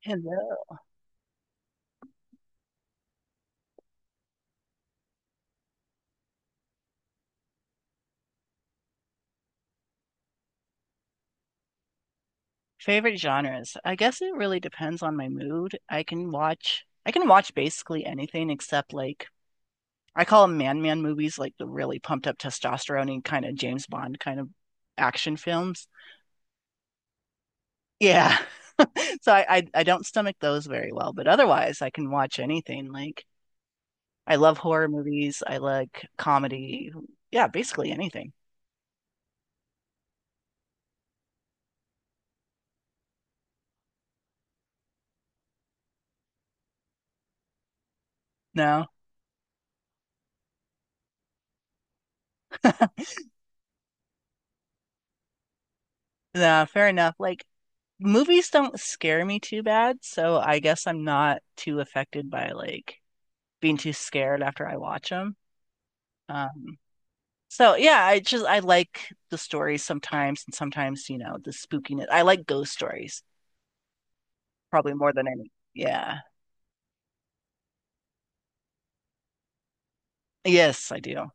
Hello. Favorite genres. I guess it really depends on my mood. I can watch basically anything except like I call them man movies, like the really pumped up testosterone kind of James Bond kind of action films. Yeah. So I don't stomach those very well, but otherwise I can watch anything. Like I love horror movies. I like comedy. Yeah, basically anything. No, no, fair enough. Like movies don't scare me too bad, so I guess I'm not too affected by like being too scared after I watch them. Um, So yeah, I like the stories sometimes and sometimes, the spookiness. I like ghost stories probably more than any. Yeah. Yes, I do.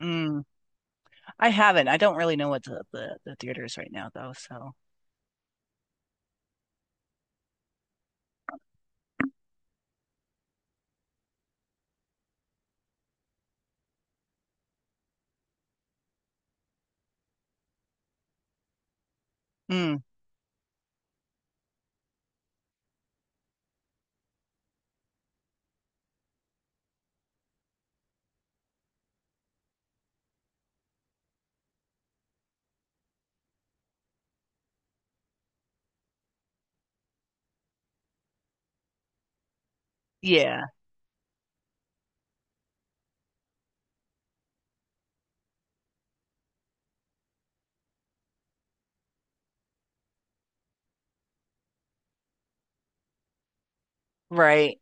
Mm. I haven't. I don't really know what the theater is right now though, so. Mm. Yeah. Right.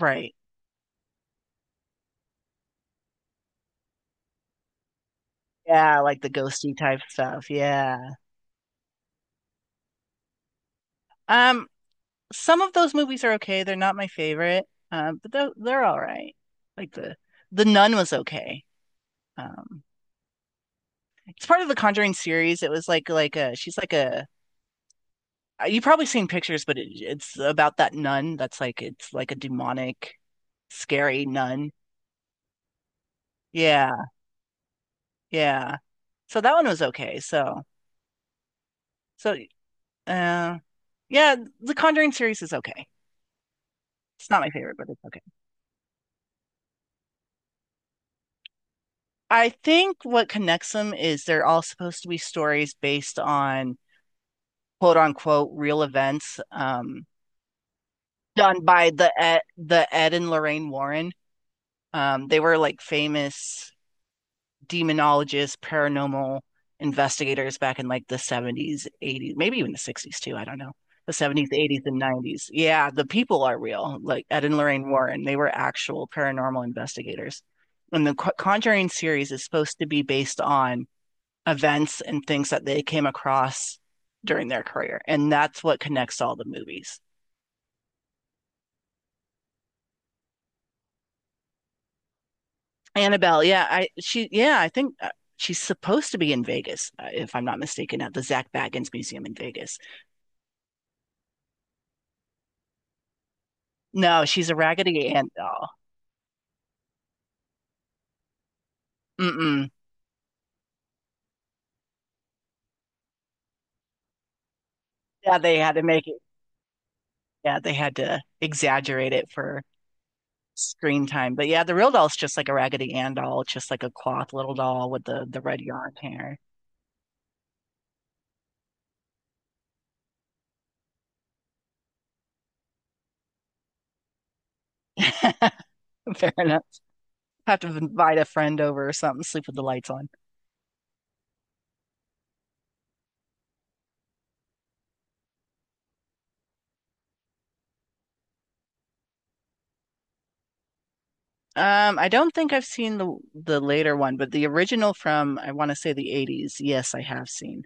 Right. Yeah, like the ghosty type stuff. Yeah. Um, some of those movies are okay. They're not my favorite. But they're all right. Like the Nun was okay. Um, it's part of the Conjuring series. It was like a she's like a you've probably seen pictures, but it's about that nun that's like it's like a demonic, scary nun. Yeah, yeah. So that one was okay. So uh yeah, the Conjuring series is okay. It's not my favorite, but it's okay. I think what connects them is they're all supposed to be stories based on quote unquote real events done by the Ed and Lorraine Warren. They were like famous demonologists, paranormal investigators back in like the 70s, 80s, maybe even the 60s too. I don't know. The 70s, 80s, and 90s. Yeah, the people are real. Like Ed and Lorraine Warren, they were actual paranormal investigators. And the Conjuring series is supposed to be based on events and things that they came across during their career. And that's what connects all the movies. Annabelle, yeah, I she yeah, I think she's supposed to be in Vegas, if I'm not mistaken, at the Zach Baggins Museum in Vegas. No, she's a Raggedy Ann doll. Mm-mm. Yeah, they had to make it. Yeah, they had to exaggerate it for screen time. But yeah, the real doll's just like a Raggedy Ann doll, just like a cloth little doll with the red yarn hair. Fair enough. Have to invite a friend over or something, sleep with the lights on. I don't think I've seen the later one, but the original from I want to say the 80s. Yes, I have seen.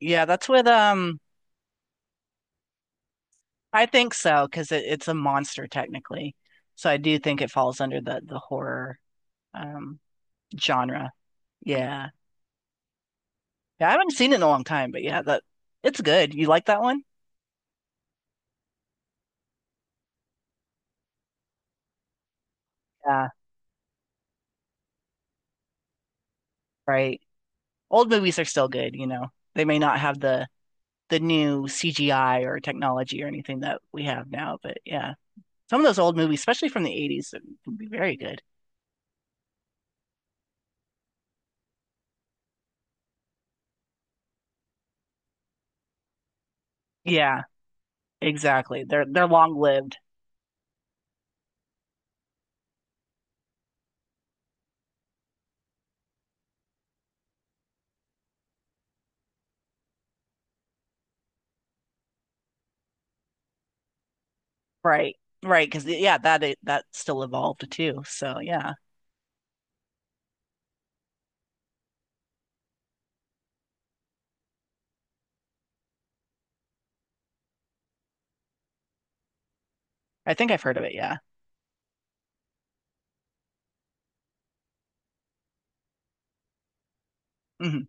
Yeah, that's with. I think so because it's a monster technically. So I do think it falls under the horror um genre. Yeah. Yeah, I haven't seen it in a long time, but yeah, that it's good. You like that one? Yeah, right. Old movies are still good. They may not have the new CGI or technology or anything that we have now, but yeah. Some of those old movies, especially from the 80s, can be very good. Yeah, exactly. They're long lived. Right. Right, because yeah, that still evolved too. So yeah. I think I've heard of it, yeah. Hmm.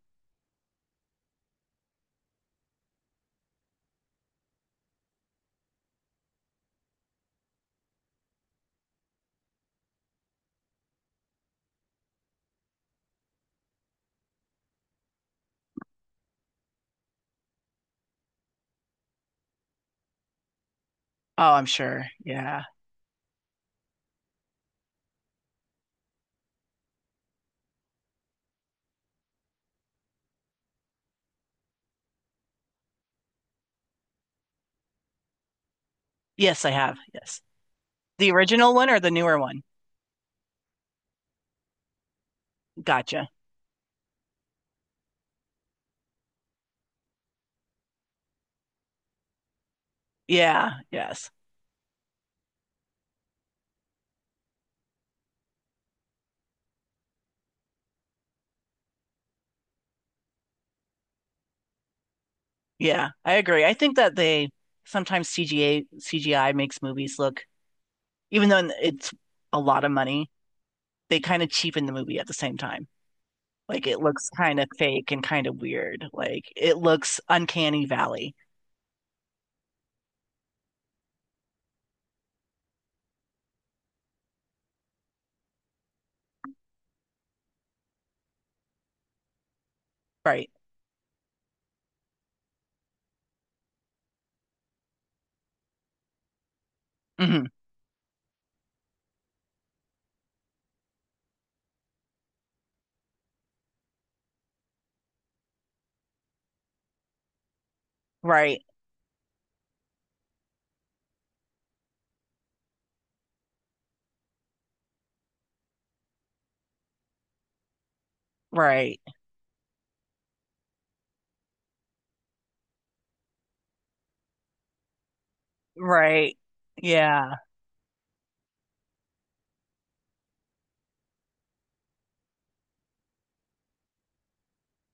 Oh, I'm sure. Yeah. Yes, I have. Yes. The original one or the newer one? Gotcha. Yeah, yes. Yeah, I agree. I think that they sometimes CGA CGI makes movies look, even though it's a lot of money, they kind of cheapen the movie at the same time. Like it looks kind of fake and kind of weird. Like it looks uncanny valley. Right. Hmm. Right. Right. Right. Yeah.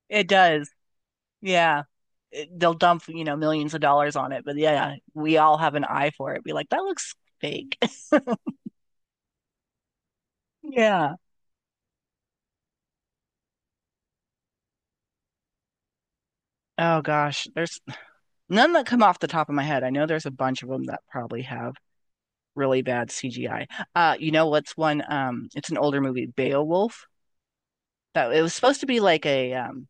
It does. Yeah. They'll dump millions of dollars on it, but yeah, yeah, we all have an eye for it, be like that looks fake. Yeah, oh gosh, there's none that come off the top of my head. I know there's a bunch of them that probably have really bad CGI. You know what's one? It's an older movie, Beowulf, that it was supposed to be like a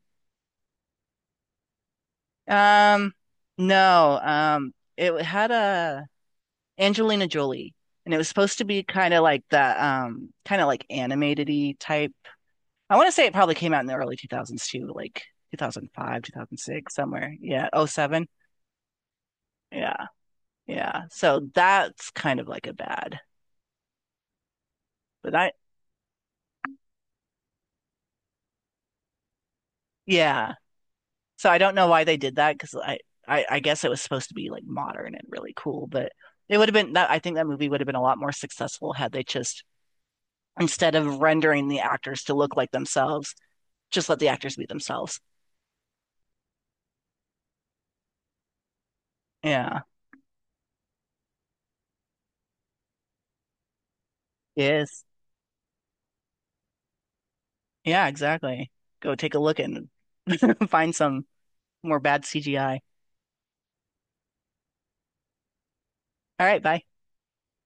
um no, it had a Angelina Jolie, and it was supposed to be kind of like that kind of like animated type. I want to say it probably came out in the early 2000s too, like 2005, 2006, somewhere. Yeah, '07. Yeah, yeah. So that's kind of like a bad, but yeah. So I don't know why they did that because I guess it was supposed to be like modern and really cool, but it would have been that I think that movie would have been a lot more successful had they just instead of rendering the actors to look like themselves, just let the actors be themselves. Yeah. Yes. Yeah, exactly. Go take a look and find some more bad CGI. All right, bye.